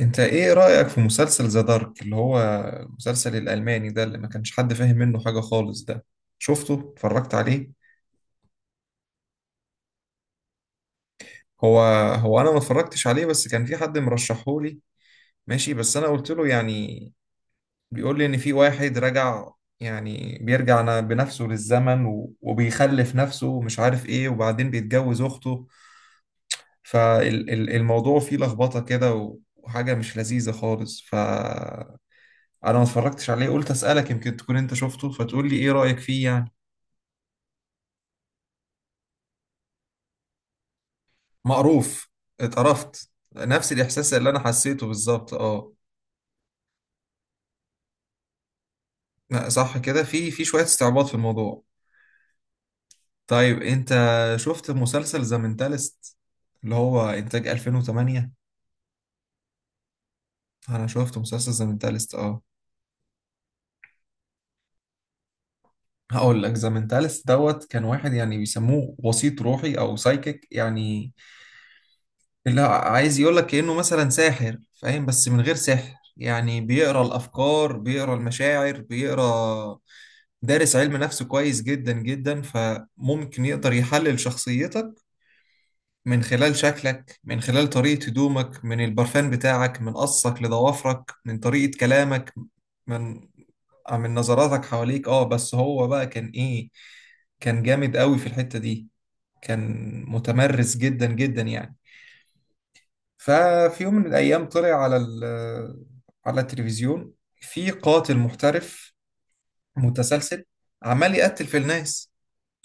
انت ايه رأيك في مسلسل ذا دارك اللي هو المسلسل الألماني ده اللي ما كانش حد فاهم منه حاجة خالص ده؟ شفته؟ اتفرجت عليه؟ هو هو انا ما اتفرجتش عليه، بس كان في حد مرشحهولي. ماشي، بس انا قلت له يعني بيقول لي ان في واحد رجع، يعني بيرجع بنفسه للزمن وبيخلف نفسه ومش عارف ايه، وبعدين بيتجوز اخته. فالموضوع فيه لخبطة كده وحاجة مش لذيذة خالص. انا ما اتفرجتش عليه، قلت اسالك يمكن تكون انت شفته فتقول لي ايه رايك فيه يعني. مقروف. اتقرفت. نفس الاحساس اللي انا حسيته بالظبط. اه. لا، صح كده، في شويه استعباط في الموضوع. طيب انت شفت مسلسل ذا مينتالست اللي هو انتاج 2008؟ انا شفت مسلسل ذا مينتالست، اه. هقول لك، ذا مينتالست دوت، كان واحد يعني بيسموه وسيط روحي او سايكيك يعني، لا عايز يقول لك كأنه مثلا ساحر فاهم، بس من غير سحر، يعني بيقرا الافكار، بيقرا المشاعر، بيقرا دارس علم نفس كويس جدا جدا، فممكن يقدر يحلل شخصيتك من خلال شكلك، من خلال طريقة هدومك، من البرفان بتاعك، من قصك لضوافرك، من طريقة كلامك، من من نظراتك حواليك. اه، بس هو بقى كان ايه، كان جامد قوي في الحتة دي، كان متمرس جدا جدا يعني. ففي يوم من الأيام طلع على ال على التلفزيون، في قاتل محترف متسلسل عمال يقتل في الناس،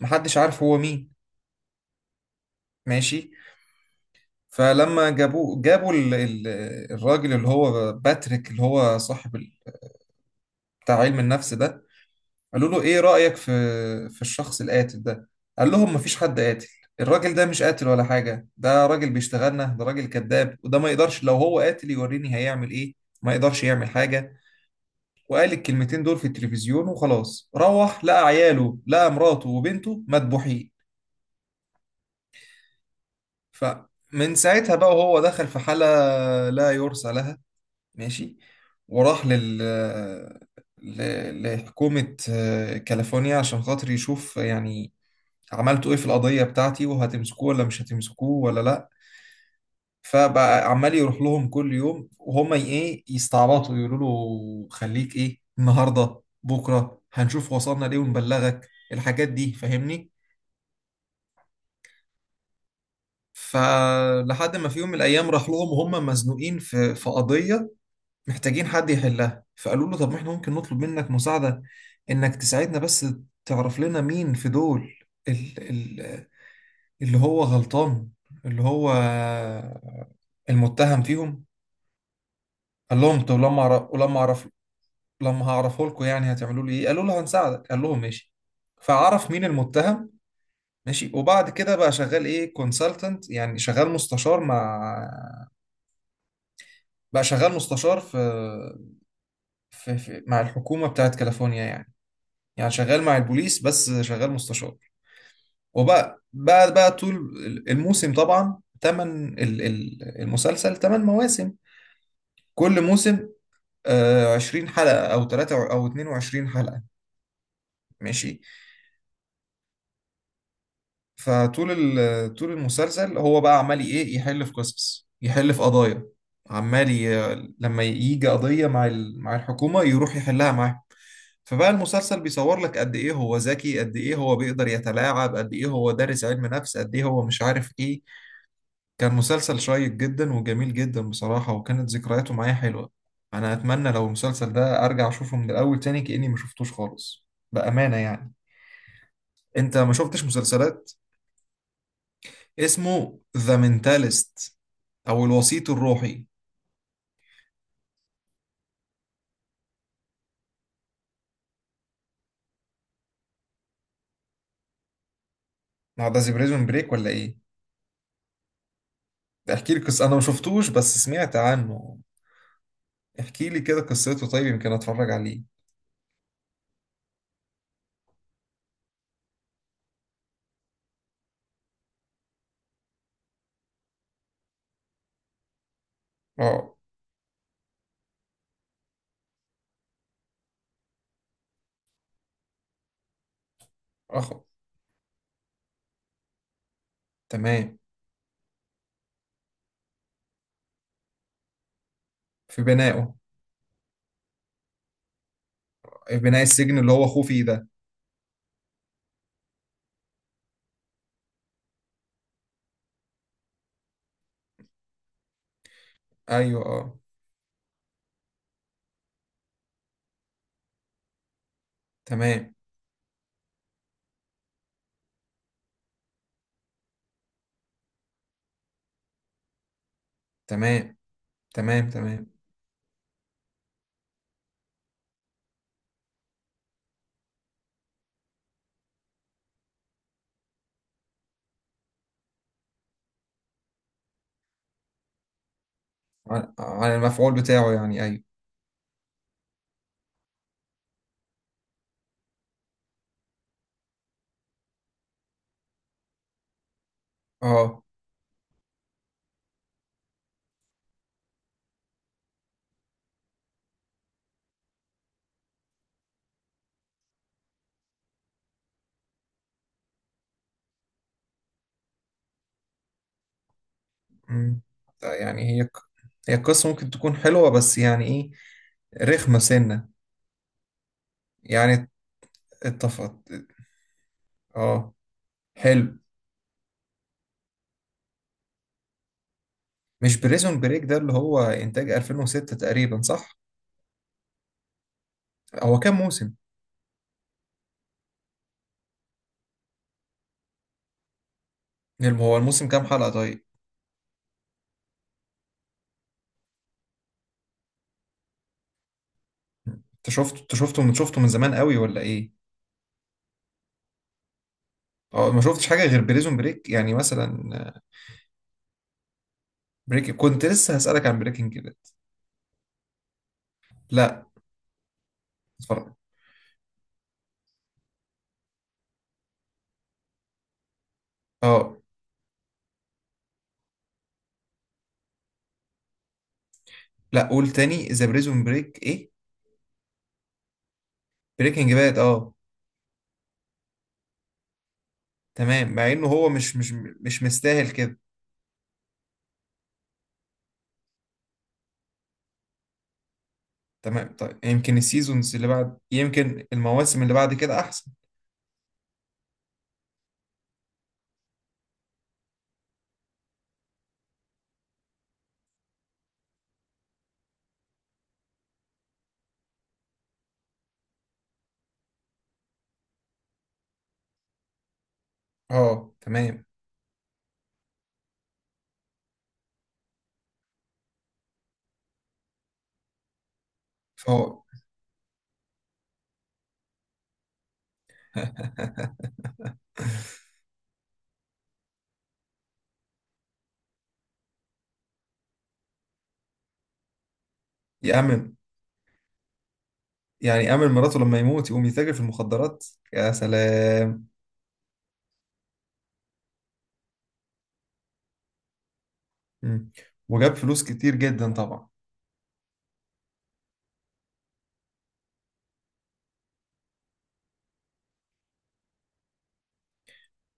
محدش عارف هو مين. ماشي. فلما جابوه، جابوا الراجل اللي هو باتريك، اللي هو صاحب بتاع علم النفس ده، قالوا له ايه رأيك في في الشخص القاتل ده؟ قال لهم مفيش حد قاتل، الراجل ده مش قاتل ولا حاجة، ده راجل بيشتغلنا، ده راجل كذاب، وده ما يقدرش، لو هو قاتل يوريني هيعمل ايه، ما يقدرش يعمل حاجة. وقال الكلمتين دول في التلفزيون وخلاص، روح لقى عياله، لقى مراته وبنته مدبوحين. فمن ساعتها بقى وهو دخل في حالة لا يرثى لها. ماشي. وراح لحكومة كاليفورنيا عشان خاطر يشوف يعني عملتوا ايه في القضية بتاعتي، وهتمسكوه ولا مش هتمسكوه ولا لا. فبقى عمال يروح لهم كل يوم، وهم ايه يستعبطوا يقولوا له خليك ايه، النهارده بكره هنشوف وصلنا ليه ونبلغك الحاجات دي، فاهمني. فلحد ما في يوم من الايام راح لهم وهم مزنوقين في في قضيه، محتاجين حد يحلها، فقالوا له طب ما احنا ممكن نطلب منك مساعده، انك تساعدنا، بس تعرف لنا مين في دول ال- ال- اللي هو غلطان، اللي هو المتهم فيهم. قال لهم طب لما أعرف- ولما اعرف، لما هعرفه لكم يعني هتعملوا لي ايه؟ قالوا له هنساعدك. قال لهم ماشي. فعرف مين المتهم. ماشي. وبعد كده بقى شغال ايه، كونسلتنت، يعني شغال مستشار مع، بقى شغال مستشار في... مع الحكومة بتاعت كاليفورنيا يعني. يعني شغال مع البوليس، بس شغال مستشار. وبقى بقى بقى طول الموسم، طبعا تمن المسلسل تمن مواسم، كل موسم 20 حلقة أو 3 أو 22 حلقة. ماشي. فطول طول المسلسل هو بقى عمال ايه، يحل في قصص، يحل في قضايا، عمال ي... لما يجي قضية مع مع الحكومة يروح يحلها معاه. فبقى المسلسل بيصور لك قد ايه هو ذكي، قد ايه هو بيقدر يتلاعب، قد ايه هو دارس علم نفس، قد ايه هو مش عارف ايه. كان مسلسل شيق جدا وجميل جدا بصراحة، وكانت ذكرياته معايا حلوة. انا اتمنى لو المسلسل ده ارجع اشوفه من الاول تاني كأني ما شفتوش خالص، بأمانة يعني. انت ما شفتش مسلسلات؟ اسمه ذا مينتاليست او الوسيط الروحي. هو ده زي بريزون بريك ولا ايه؟ ده احكي لي قصة، انا ما شفتوش بس سمعت عنه، احكي لي كده قصته، طيب يمكن اتفرج عليه. اه. اه، تمام. في بنائه. في بناء السجن اللي هو اخوه فيه ده. ايوه، اه. تمام تمام. تمام تمام. عن المفعول بتاعه يعني، ايوه. اه. أمم. ده يعني هي ق-، القصة ممكن تكون حلوة، بس يعني ايه، رخمة سنة يعني. اتفق. اه. حلو. مش بريزون بريك ده اللي هو انتاج 2006 تقريبا، صح؟ هو كام موسم؟ هو الموسم كام حلقة طيب؟ انت شفته من، من زمان قوي ولا ايه؟ اه. ما شفتش حاجة غير بريزون بريك يعني مثلا؟ كنت لسه هسألك عن بريكنج باد. لا. اتفرج. اه. لا، قول تاني، ذا بريزون بريك ايه؟ بريكنج باد، اه. تمام، مع انه هو مش مستاهل كده. تمام، طيب يمكن السيزونز اللي بعد، يمكن المواسم اللي بعد كده احسن. اه، تمام. فهو يا عم، يعني آمر مراته لما يموت يقوم يتاجر في المخدرات؟ يا سلام. مم. وجاب فلوس كتير جدا طبعا.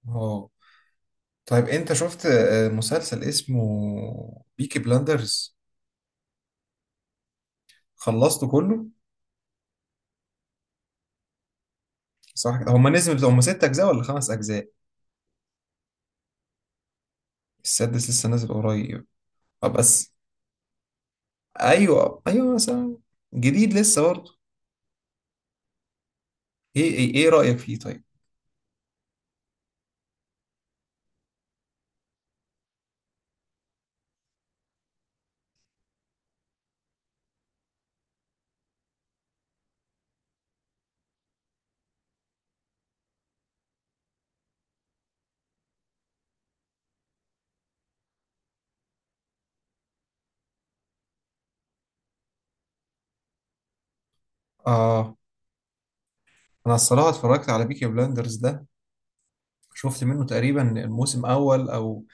اه، طيب انت شفت مسلسل اسمه بيكي بلاندرز؟ خلصته كله؟ صح، هما نزلوا هما ست اجزاء ولا خمس اجزاء؟ السادس لسه نازل قريب؟ بس ايوه ايوه، مثلا جديد لسه برضه. ايه ايه، إيه رأيك فيه طيب؟ اه. انا الصراحة اتفرجت على بيكي بلاندرز ده، شفت منه تقريبا الموسم الاول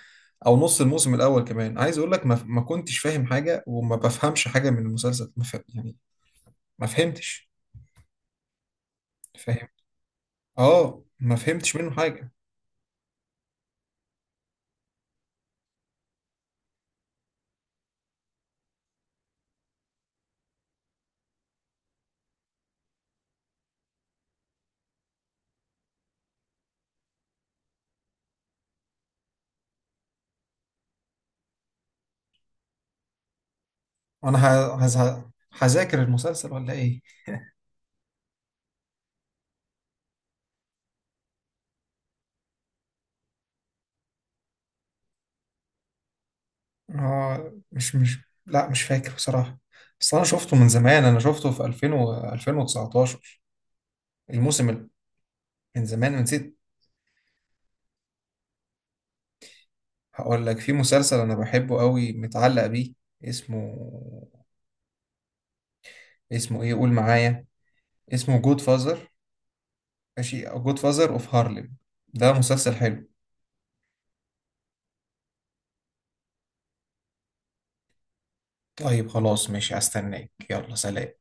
او نص الموسم الاول كمان، عايز اقول لك ما كنتش فاهم حاجه، وما بفهمش حاجه من المسلسل، ما فهم يعني، ما فهمتش، فاهم. اه، ما فهمتش منه حاجه. انا هذاكر المسلسل ولا ايه؟ اه، مش مش، لا مش فاكر بصراحه. بس انا شفته من زمان، انا شفته في 2000 و 2019، الموسم ال- من زمان أنا نسيت. هقول لك في مسلسل انا بحبه قوي، متعلق بيه، اسمه، اسمه ايه؟ قول معايا. اسمه جود فازر، ماشي، جود فازر اوف هارلم. ده مسلسل حلو. طيب خلاص ماشي، هستناك، يلا سلام.